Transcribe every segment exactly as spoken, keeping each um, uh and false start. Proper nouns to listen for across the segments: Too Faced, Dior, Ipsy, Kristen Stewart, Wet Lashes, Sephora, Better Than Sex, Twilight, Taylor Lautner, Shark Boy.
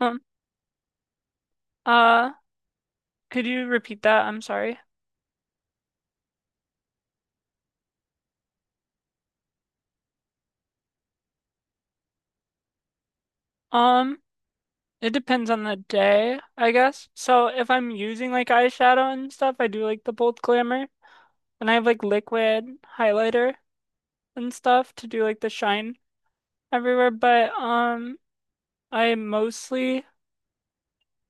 Um, uh, could you repeat that? I'm sorry. Um, it depends on the day, I guess. So if I'm using like eyeshadow and stuff, I do like the bold glamour. And I have like liquid highlighter and stuff to do like the shine everywhere. But um, I mostly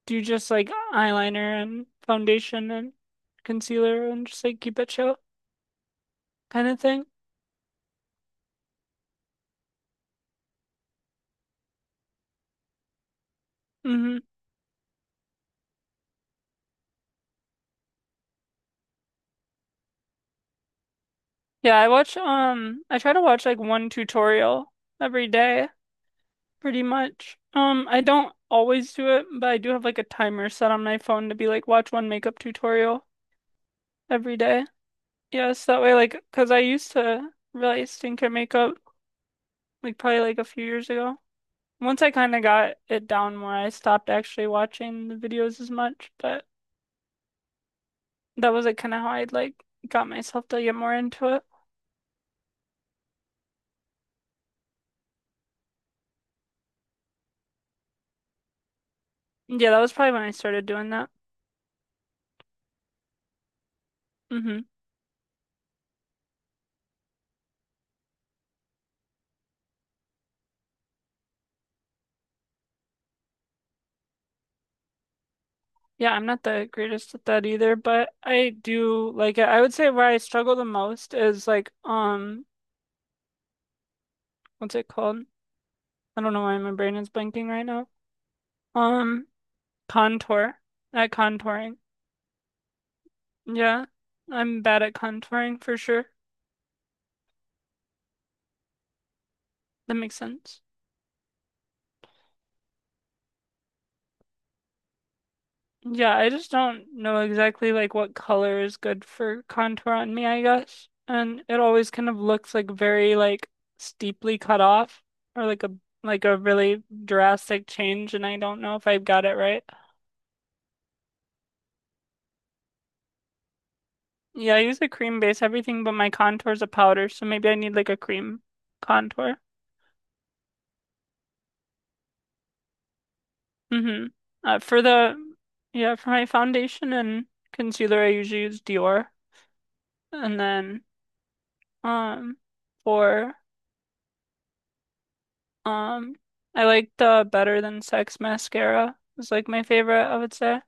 do just like eyeliner and foundation and concealer and just like keep it chill kind of thing. Mm-hmm. Yeah, I watch um, I try to watch like one tutorial every day. Pretty much. Um, I don't always do it, but I do have like a timer set on my phone to be like watch one makeup tutorial every day. Yes, that way like because I used to really stink at makeup like probably like a few years ago. Once I kind of got it down more, I stopped actually watching the videos as much, but that was like kind of how I like got myself to get more into it. Yeah, that was probably when I started doing that. Hmm. Yeah, I'm not the greatest at that either, but I do like it. I would say where I struggle the most is like um what's it called? I don't know why my brain is blanking right now. Um Contour. At contouring. Yeah. I'm bad at contouring for sure. That makes sense. Yeah, I just don't know exactly like what color is good for contour on me, I guess. And it always kind of looks like very like steeply cut off or like a like a really drastic change and I don't know if I've got it right. Yeah, I use a cream base everything but my contour is a powder, so maybe I need like a cream contour. Mm-hmm. Uh, for the yeah, for my foundation and concealer I usually use Dior. And then um for Um, I like the Better Than Sex mascara. Was like my favorite, I would say.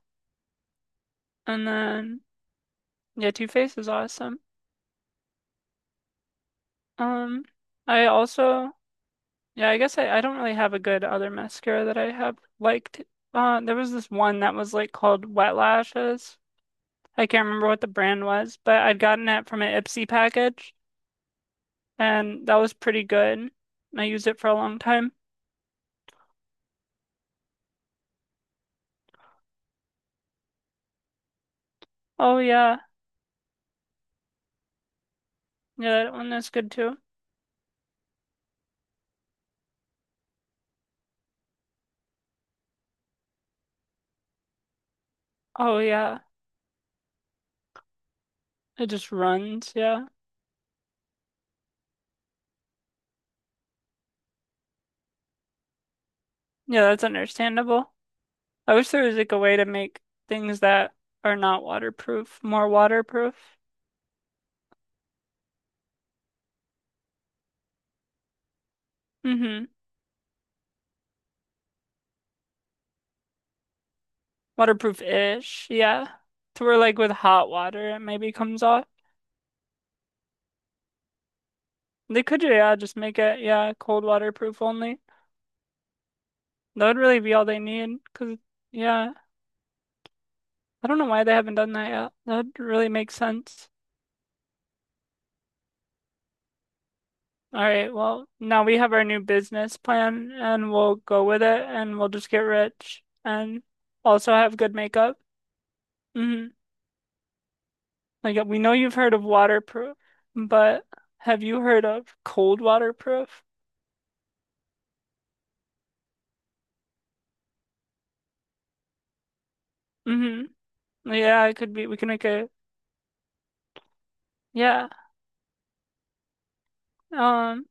And then yeah, Too Faced is awesome. Um, I also yeah, I guess I, I don't really have a good other mascara that I have liked. Uh, there was this one that was like called Wet Lashes. I can't remember what the brand was, but I'd gotten it from an Ipsy package, and that was pretty good. And I used it for a long time. Oh yeah, yeah, that one is good too. Oh yeah, it just runs, yeah. Yeah, that's understandable. I wish there was like a way to make things that are not waterproof more waterproof. Mm-hmm. Waterproof-ish, yeah. To where like with hot water it maybe comes off. They could, yeah, just make it, yeah, cold waterproof only. That would really be all they need, 'cause yeah, I don't know why they haven't done that yet. That'd really make sense. All right, well, now we have our new business plan and we'll go with it and we'll just get rich and also have good makeup. Mhm. Like we know you've heard of waterproof, but have you heard of cold waterproof? Mm-hmm. Yeah, it could be. We can make a yeah. Um,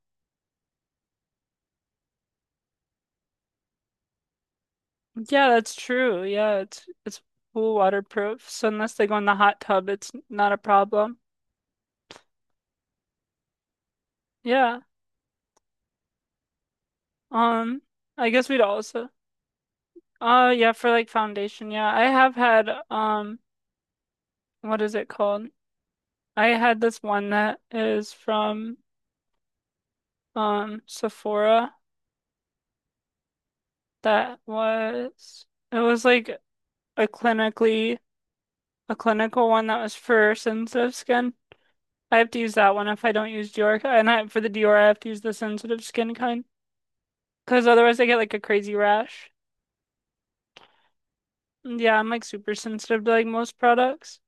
yeah, that's true. Yeah, it's it's pool waterproof. So unless they go in the hot tub, it's not a problem. Yeah. Um, I guess we'd also. Uh, yeah, for like foundation. Yeah, I have had um, what is it called? I had this one that is from um Sephora that was. It was like a clinically a clinical one that was for sensitive skin. I have to use that one if I don't use Dior, and I, for the Dior I have to use the sensitive skin kind because otherwise I get like a crazy rash. Yeah, I'm like super sensitive to like most products.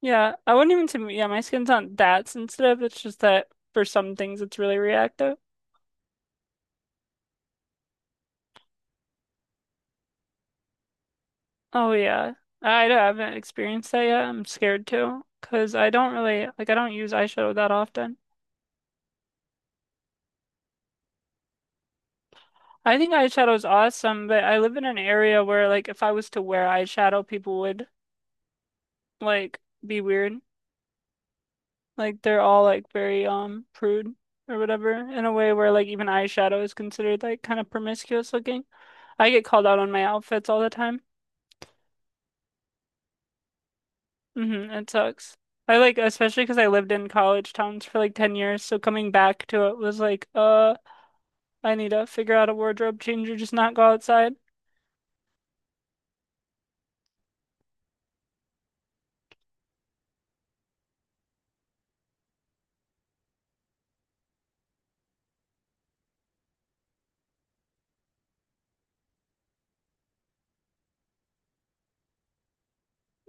Yeah, I wouldn't even say yeah, my skin's not that sensitive. It's just that for some things it's really reactive. Oh yeah, I, don't- I haven't experienced that yet. I'm scared too because I don't really like I don't use eyeshadow that often. I think eyeshadow is awesome, but I live in an area where like if I was to wear eyeshadow, people would like be weird. Like they're all like very um prude or whatever in a way where like even eyeshadow is considered like kind of promiscuous looking. I get called out on my outfits all the time. Hmm, it sucks. I like especially because I lived in college towns for like ten years, so coming back to it was like, uh, I need to figure out a wardrobe change or just not go outside.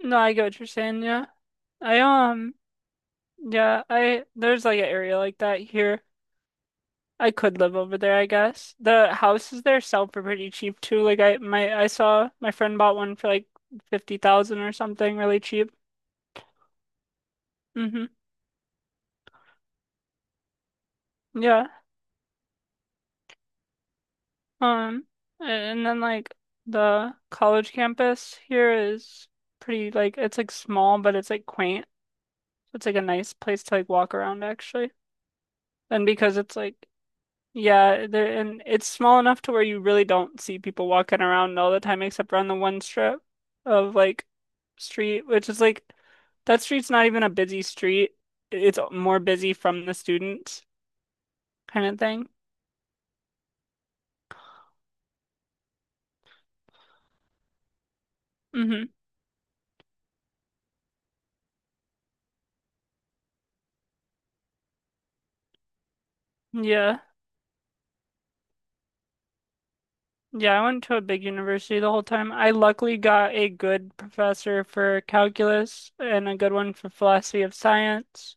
No, I get what you're saying, yeah. I um Yeah, I there's like an area like that here. I could live over there, I guess. The houses there sell for pretty cheap too. Like I my I saw my friend bought one for like fifty thousand or something, really cheap. Hmm. Yeah. Um and then like the college campus here is pretty like it's like small, but it's like quaint. It's like a nice place to like walk around actually. And because it's like Yeah, there and it's small enough to where you really don't see people walking around all the time except around the one strip of like street, which is like that street's not even a busy street. It's more busy from the students kind of thing. Hmm. Yeah. Yeah, I went to a big university the whole time. I luckily got a good professor for calculus and a good one for philosophy of science.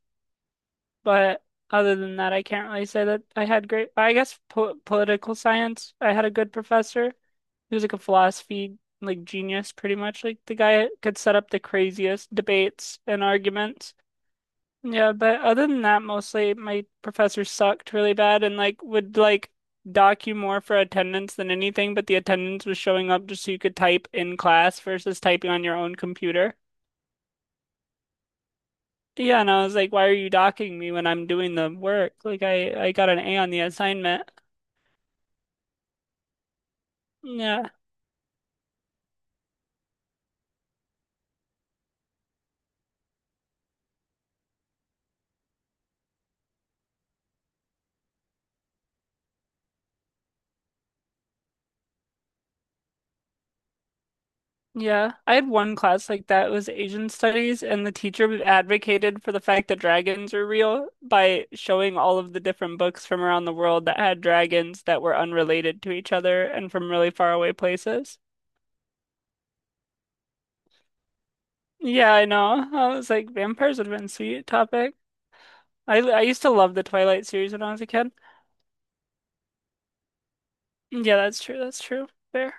But other than that, I can't really say that I had great, I guess po political science, I had a good professor. He was like a philosophy like genius pretty much. Like the guy could set up the craziest debates and arguments. Yeah, but other than that, mostly my professors sucked really bad and like would like dock you more for attendance than anything, but the attendance was showing up just so you could type in class versus typing on your own computer. Yeah, and I was like, why are you docking me when I'm doing the work? Like I I got an A on the assignment. Yeah. Yeah. I had one class like that. It was Asian studies and the teacher advocated for the fact that dragons are real by showing all of the different books from around the world that had dragons that were unrelated to each other and from really far away places. Yeah, I know. I was like, vampires would have been a sweet topic. I I used to love the Twilight series when I was a kid. Yeah, that's true. That's true. Fair.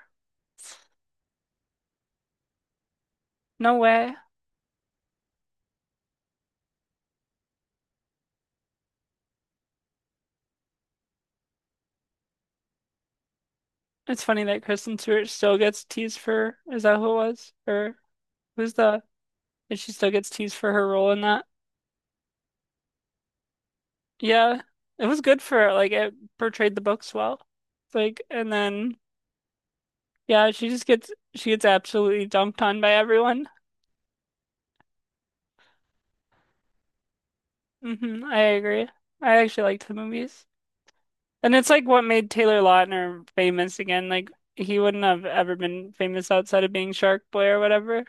No way. It's funny that Kristen Stewart still gets teased for, is that who it was? Or who's the, and she still gets teased for her role in that. Yeah, it was good for her. Like it portrayed the books well. like, and then, yeah, she just gets, she gets absolutely dumped on by everyone. Hmm, I agree. I actually liked the movies. And it's like what made Taylor Lautner famous again. Like he wouldn't have ever been famous outside of being Shark Boy or whatever.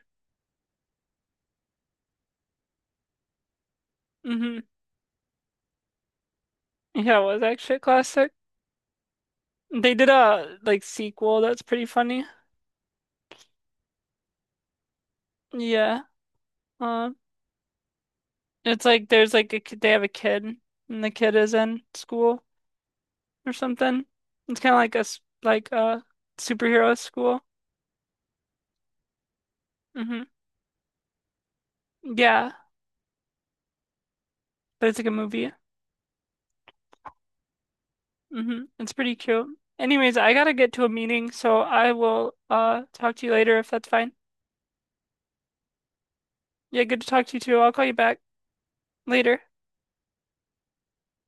Hmm. Yeah, it was actually a classic. They did a like sequel that's pretty funny. Yeah. Uh, it's like there's like a kid, they have a kid and the kid is in school or something. It's kind of like a s- like a superhero school. Hmm. Yeah, but it's like a movie. Hmm. It's pretty cute. Anyways, I gotta get to a meeting, so I will uh talk to you later if that's fine. Yeah, good to talk to you too. I'll call you back later.